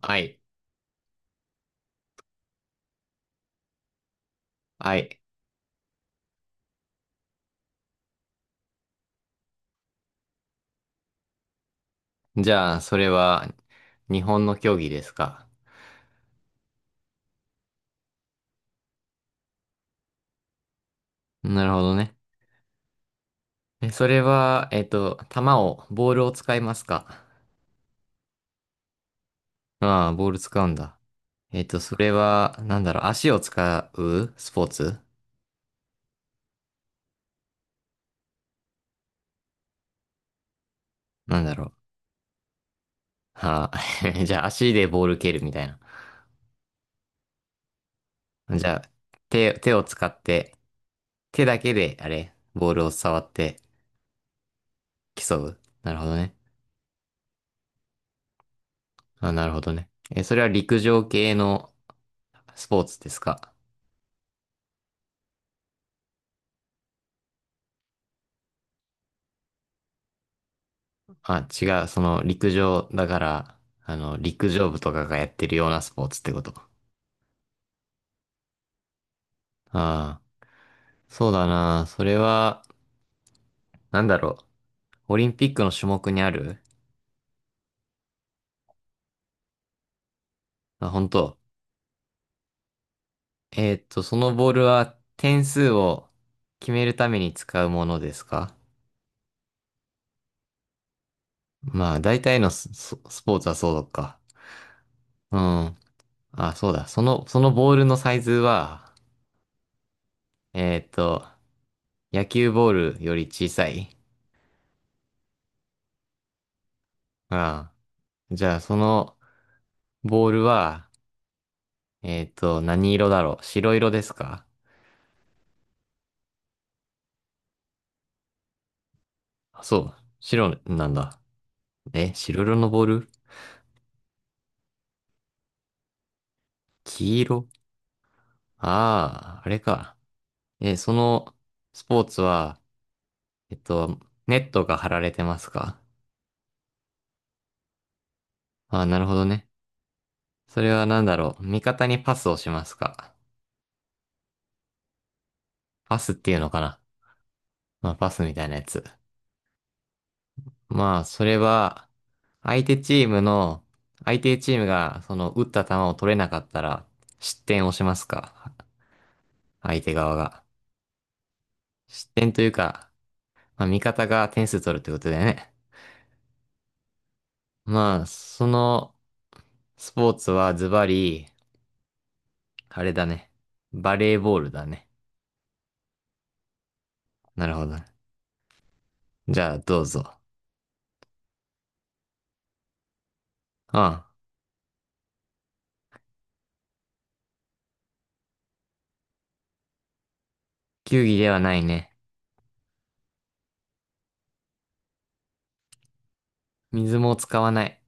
はい。はい。じゃあ、それは、日本の競技ですか？なるほどね。それは、ボールを使いますか？ああ、ボール使うんだ。それは、なんだろう、足を使うスポーツ？なんだろう。はあ、じゃあ、足でボール蹴るみたいな。じゃあ、手を使って、手だけで、あれ、ボールを触って競う。なるほどね。あ、なるほどね。それは陸上系のスポーツですか？あ、違う。その、陸上だから、陸上部とかがやってるようなスポーツってこと。ああ、そうだな。それは、なんだろう。オリンピックの種目にある？あ、本当。そのボールは点数を決めるために使うものですか？まあ、大体のスポーツはそうか。うん。あ、そうだ。そのボールのサイズは、えーっと、野球ボールより小さい？ああ。じゃあ、そのボールは、何色だろう、白色ですか？あ、そう。白なんだ。え、白色のボール？黄色。ああー、あれか。そのスポーツは、えっと、ネットが張られてますか？ああー、なるほどね。それは何だろう、味方にパスをしますか？パスっていうのかな？まあ、パスみたいなやつ。まあ、それは、相手チームの、相手チームが、その、打った球を取れなかったら、失点をしますか？相手側が。失点というか、まあ、味方が点数取るってことだよね。まあ、そのスポーツはズバリ、あれだね。バレーボールだね。なるほどね。じゃあ、どうぞ。うん。球技ではないね。水も使わない。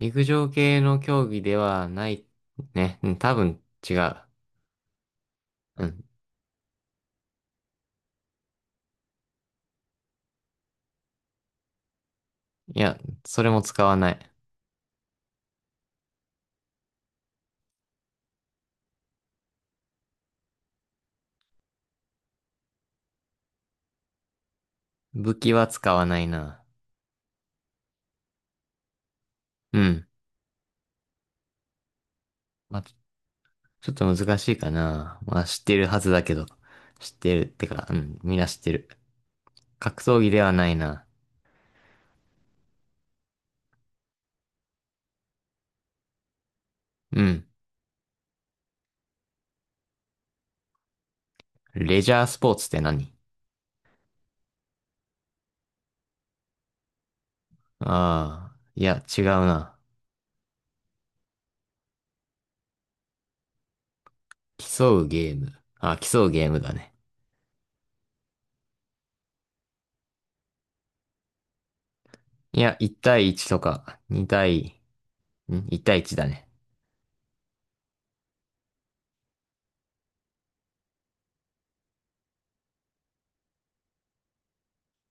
陸上系の競技ではない。ね。うん、多分違う。うん。いや、それも使わない。武器は使わないな。うん。まあ、ちょっと難しいかな。まあ、知ってるはずだけど。知ってる。ってか、うん。みんな知ってる。格闘技ではないな。うん。レジャースポーツって何？ああ、いや、違うな。競うゲーム。あ、競うゲームだね。いや、1対1とか、2対、ん ?1 対1だね。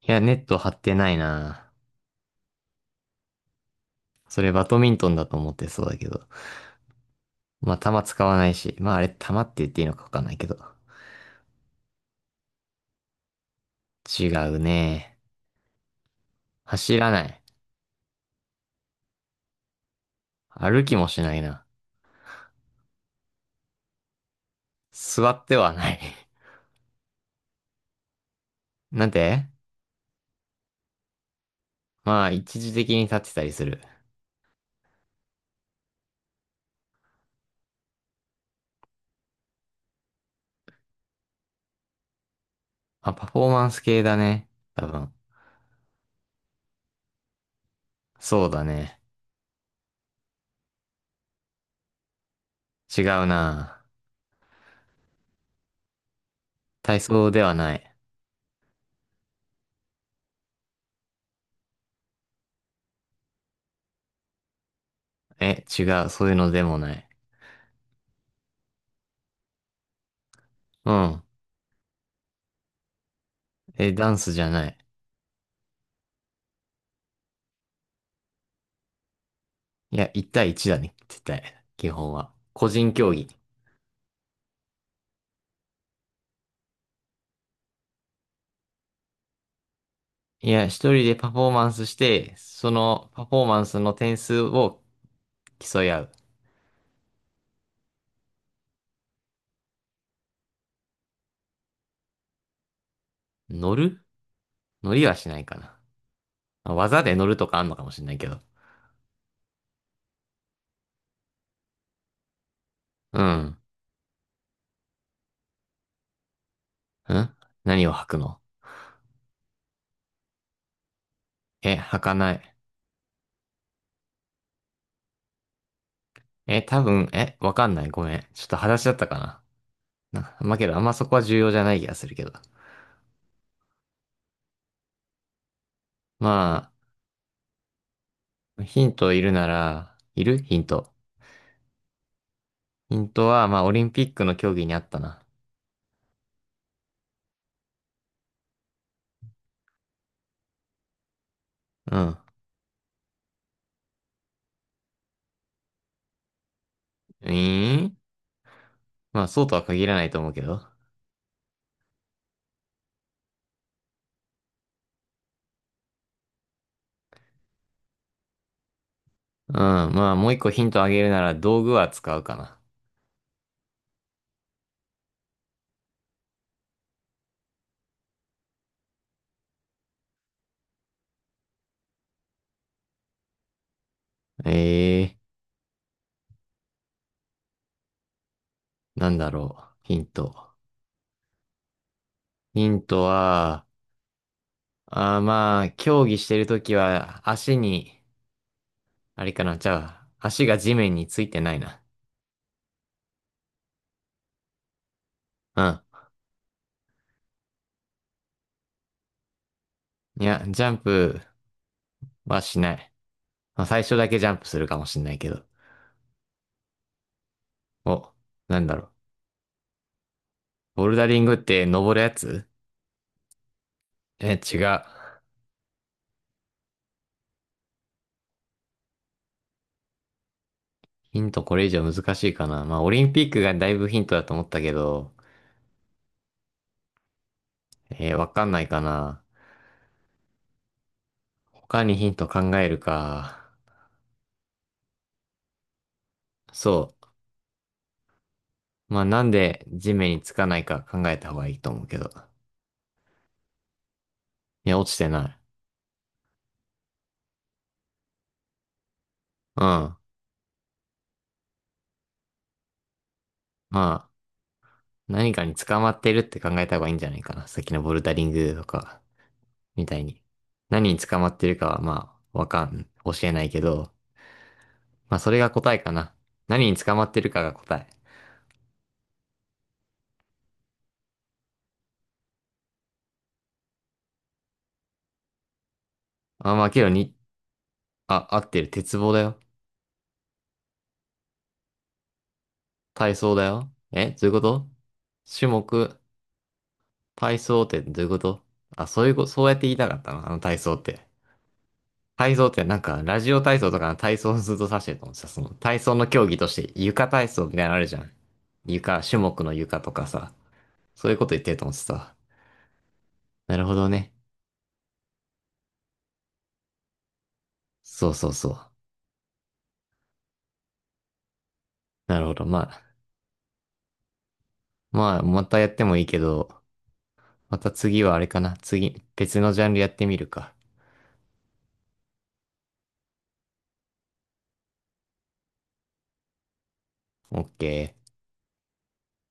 いや、ネット張ってないな。それバドミントンだと思ってそうだけど。まあ、球使わないし。まあ、あれ、球って言っていいのかわかんないけど。違うね。走らない。歩きもしないな。座ってはない。なんて。まあ、一時的に立ってたりする。あ、パフォーマンス系だね。多分。そうだね。違うな。体操ではない。え、違う。そういうのでもない。うん。え、ダンスじゃない。いや、1対1だね。絶対。基本は。個人競技。いや、一人でパフォーマンスして、そのパフォーマンスの点数を競い合う。乗る？乗りはしないかな。まあ、技で乗るとかあんのかもしれないけど。うん。ん。何を履くの？え、履かない。え、多分、わかんない。ごめん。ちょっと裸足だったかな。な。まあけど、あんまそこは重要じゃない気がするけど。まあ、ヒントいるなら、いるヒント。ヒントは、まあ、オリンピックの競技にあったな。うん。ええまあ、そうとは限らないと思うけど。うん。まあ、もう一個ヒントあげるなら、道具は使うかな。えなんだろう。ヒント。ヒントは、まあ、競技してるときは、足に、あれかな、じゃあ、足が地面についてないな。うん。いや、ジャンプはしない。まあ、最初だけジャンプするかもしんないけど。お、なんだろう。ボルダリングって登るやつ？え、違う。ヒントこれ以上難しいかな。まあ、オリンピックがだいぶヒントだと思ったけど、わかんないかな。他にヒント考えるか。そう。まあ、なんで地面につかないか考えた方がいいと思うけど。いや、落ちてない。うん。まあ、何かに捕まってるって考えた方がいいんじゃないかな。さっきのボルダリングとか、みたいに。何に捕まってるかは、まあ、わかん、教えないけど、まあ、それが答えかな。何に捕まってるかが答え。まあ、けどに、あ、合ってる。鉄棒だよ。体操だよ。え、どういうこと？種目、体操ってどういうこと？あ、そういうこ、そうやって言いたかったの、あの体操って。体操ってなんか、ラジオ体操とかの体操をずっと指してると思ってた。その体操の競技として、床体操みたいなのあるじゃん。床、種目の床とかさ。そういうこと言ってると思ってた。なるほどね。そうそうそう。なるほど。まあ、またやってもいいけど、また次はあれかな。次、別のジャンルやってみるか。オッケー。